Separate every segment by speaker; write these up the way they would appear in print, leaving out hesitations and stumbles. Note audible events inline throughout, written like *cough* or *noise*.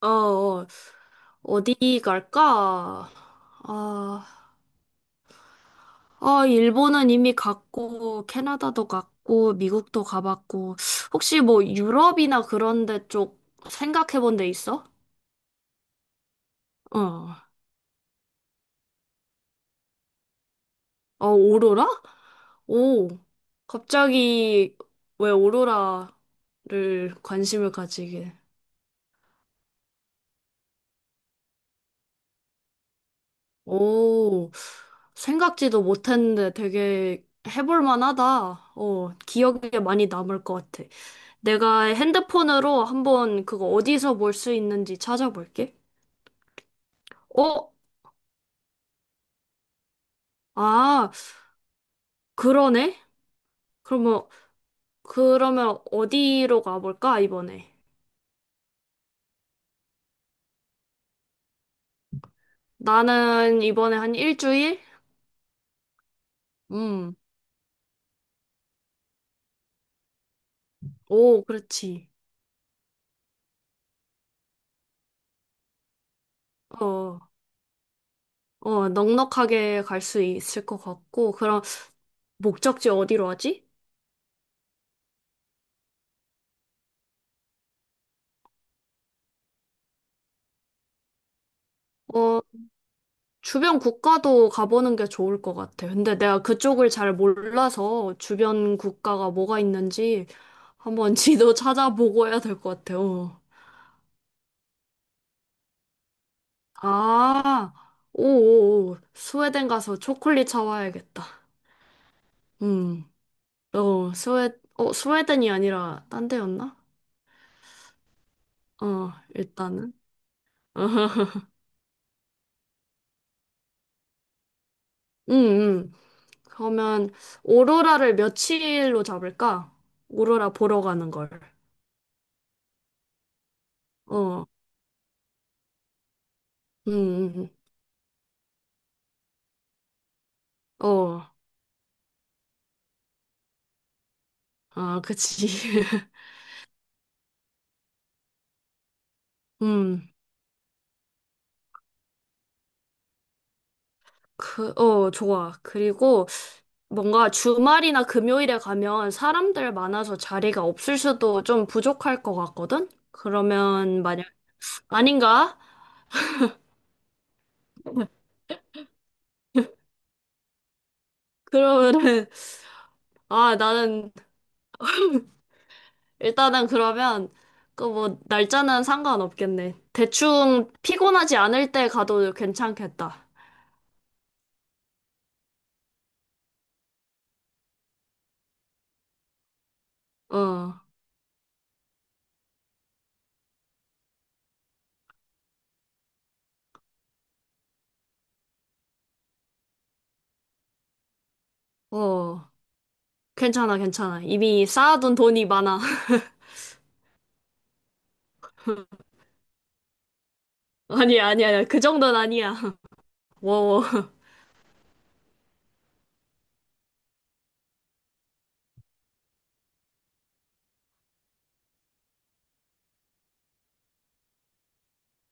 Speaker 1: 어, 어, 어디 갈까? 아, 아, 일본은 이미 갔고, 캐나다도 갔고, 미국도 가봤고, 혹시 뭐 유럽이나 그런 데 쪽 생각해 본 데 있어? 어, 어, 오로라? 오, 갑자기 왜 오로라를 관심을 가지게? 오, 생각지도 못했는데 되게 해볼 만하다. 어, 기억에 많이 남을 것 같아. 내가 핸드폰으로 한번 그거 어디서 볼 수 있는지 찾아볼게. 어? 아, 그러네? 그러면, 그러면 어디로 가볼까, 이번에? 나는 이번에 한 일주일? 음, 오, 그렇지. 어, 어, 넉넉하게 갈 수 있을 것 같고, 그럼 목적지 어디로 하지? 어, 주변 국가도 가보는 게 좋을 것 같아. 근데 내가 그쪽을 잘 몰라서 주변 국가가 뭐가 있는지 한번 *laughs* 지도 찾아보고 해야 될 것 같아요. 아, 오오오. 스웨덴 가서 초콜릿 사와야겠다. 음, 어, 스웨, 어, 스웨덴이 아니라 딴 데였나? 어, 일단은. *laughs* 음, 음. 그러면 오로라를 며칠로 잡을까? 오로라 보러 가는 걸. 어, 음. 어. 아, 그치. *laughs* 음, 그, 어, 좋아. 그리고 뭔가 주말이나 금요일에 가면 사람들 많아서 자리가 없을 수도 좀 부족할 것 같거든? 그러면 만약, 아닌가? 그러면은, *laughs* 아, 나는, 일단은 그러면, 그 뭐, 날짜는 상관없겠네. 대충 피곤하지 않을 때 가도 괜찮겠다. 어, 어, 괜찮아, 괜찮아. 이미 쌓아둔 돈이 많아. *laughs* 아니야, 아니야, 아니야. 그 정도는 아니야. *laughs* 워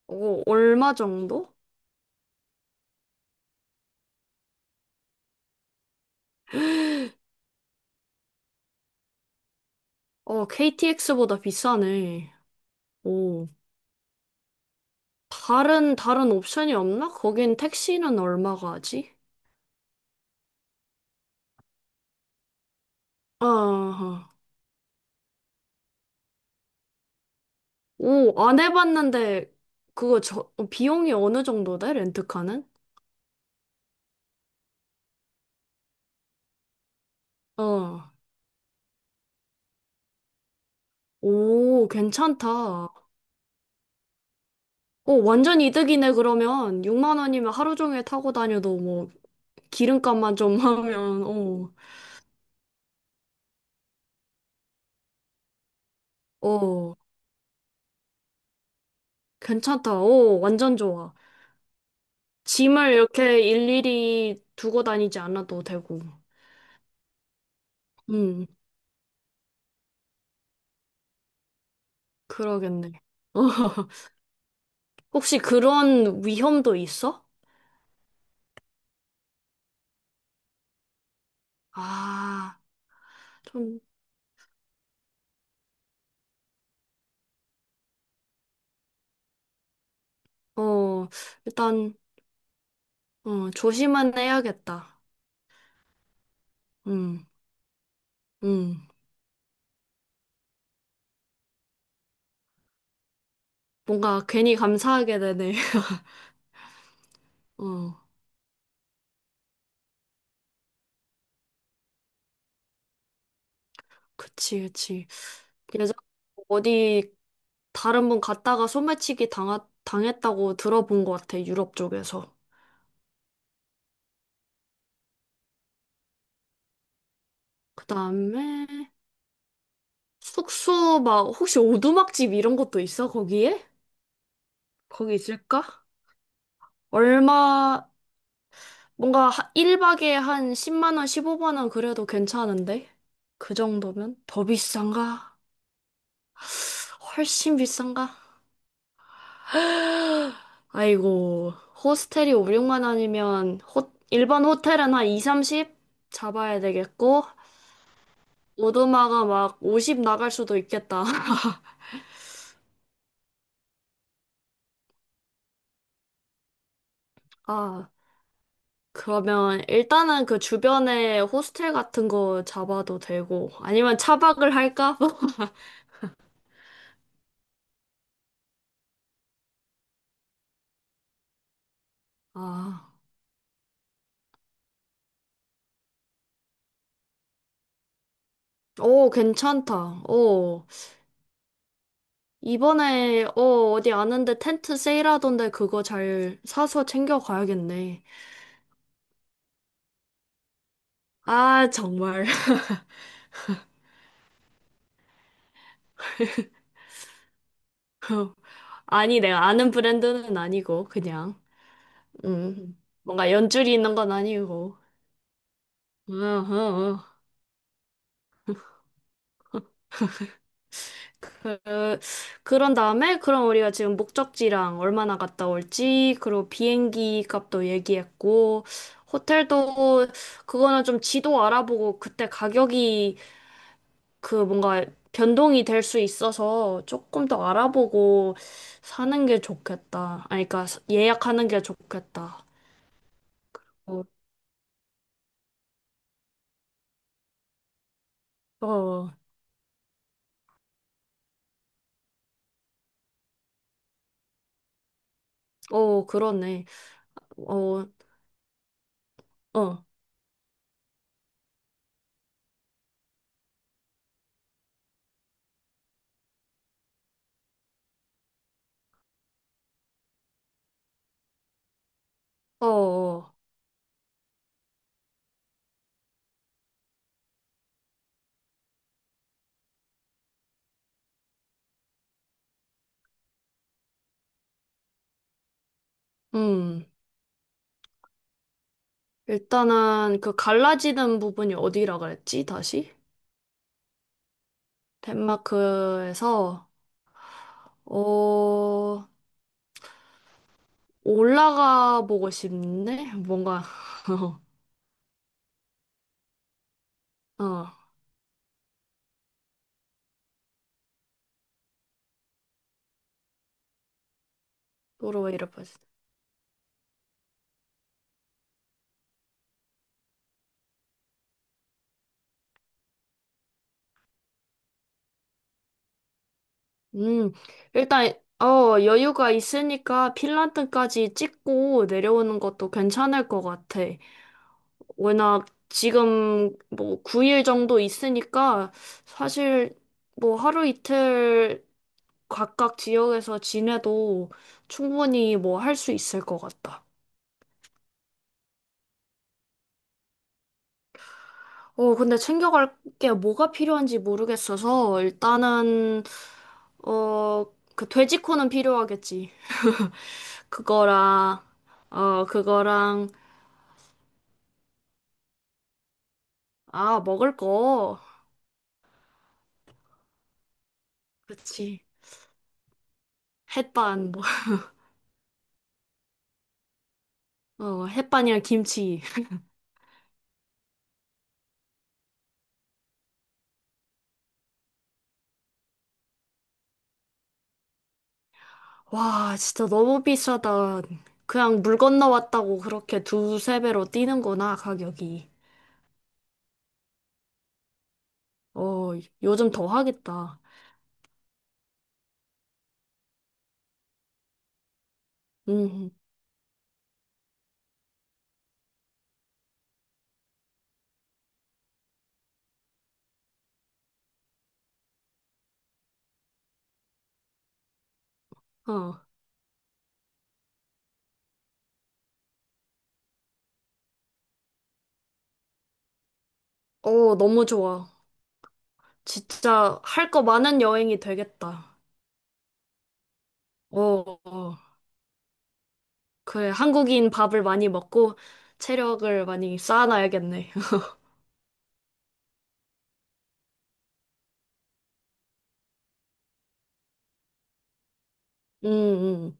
Speaker 1: 오, 얼마 정도? 어, KTX보다 비싸네. 오, 다른 옵션이 없나? 거긴 택시는 얼마가 하지? 아, 오, 안 해봤는데, 그거 저, 어, 비용이 어느 정도 돼? 렌트카는? 어, 오, 괜찮다. 오, 완전 이득이네, 그러면. 6만 원이면 하루 종일 타고 다녀도 뭐, 기름값만 좀 *laughs* 하면, 오, 오, 괜찮다. 오, 완전 좋아. 짐을 이렇게 일일이 두고 다니지 않아도 되고. 음, 그러겠네. *laughs* 혹시 그런 위험도 있어? 아, 좀, 어, 일단, 어, 조심은 해야겠다. 음, 음. 뭔가 괜히 감사하게 되네. *laughs* 어, 그치, 그치. 예전 어디 다른 분 갔다가 당했다고 들어본 것 같아, 유럽 쪽에서. 그 다음에, 숙소 막 혹시 오두막집 이런 것도 있어? 거기에? 거기 있을까? 얼마 뭔가 1박에 한 10만 원, 15만 원 그래도 괜찮은데? 그 정도면? 더 비싼가? 훨씬 비싼가? 아이고, 호스텔이 5, 6만 원이면 호, 일반 호텔은 한 2, 30 잡아야 되겠고 오두막아 막 50 나갈 수도 있겠다. *laughs* 아, 그러면 일단은 그 주변에 호스텔 같은 거 잡아도 되고, 아니면 차박을 할까? *laughs* 아, 오, 괜찮다. 오, 이번에, 어, 어디 아는데 텐트 세일하던데 그거 잘 사서 챙겨가야겠네. 아, 정말. *laughs* 아니, 내가 아는 브랜드는 아니고, 그냥. 뭔가 연줄이 있는 건 아니고. 응, 응, 응. 그, 그런 다음에 그럼 우리가 지금 목적지랑 얼마나 갔다 올지, 그리고 비행기 값도 얘기했고, 호텔도 그거는 좀 지도 알아보고 그때 가격이 그 뭔가 변동이 될 수 있어서 조금 더 알아보고 사는 게 좋겠다. 아니, 그러니까 예약하는 게 좋겠다. 어, 어, 어, 그러네. 어, 어, 어, 어. 음. 일단은 그 갈라지는 부분이 어디라 그랬지, 다시? 덴마크에서, 어, 올라가 보고 싶네? 뭔가, 어, 도로 이래 빠 음, 일단, 어, 여유가 있으니까 핀란드까지 찍고 내려오는 것도 괜찮을 것 같아. 워낙 지금 뭐 9일 정도 있으니까 사실 뭐 하루 이틀 각각 지역에서 지내도 충분히 뭐 할 수 있을 것 같다. 어, 근데 챙겨갈 게 뭐가 필요한지 모르겠어서, 일단은, 어, 그 돼지코는 필요하겠지. *laughs* 그거랑, 어, 그거랑, 아, 먹을 거. 그렇지. 햇반, 뭐. 어, 햇반이랑 김치. 와, 진짜 너무 비싸다. 그냥 물 건너 왔다고 그렇게 두세 배로 뛰는구나, 가격이. 어, 요즘 더 하겠다. 음, 어. 어, 너무 좋아. 진짜 할 거 많은 여행이 되겠다. 어, 어. 그래. 한국인 밥을 많이 먹고 체력을 많이 쌓아놔야겠네. *laughs* 음,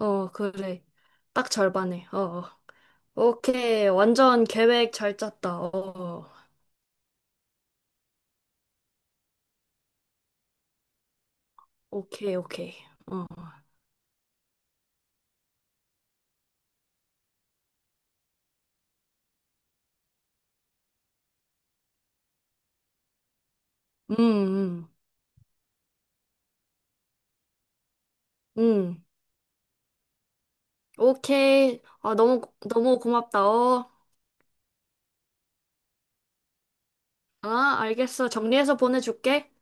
Speaker 1: 어, 그래. 딱 절반에. 어, 어. 오케이. 완전 계획 잘 짰다. 어, 어. 오케이, 오케이. 어, 음, 음, 음. 오케이. 아, 너무, 너무 고맙다. 어, 아, 알겠어. 정리해서 보내줄게.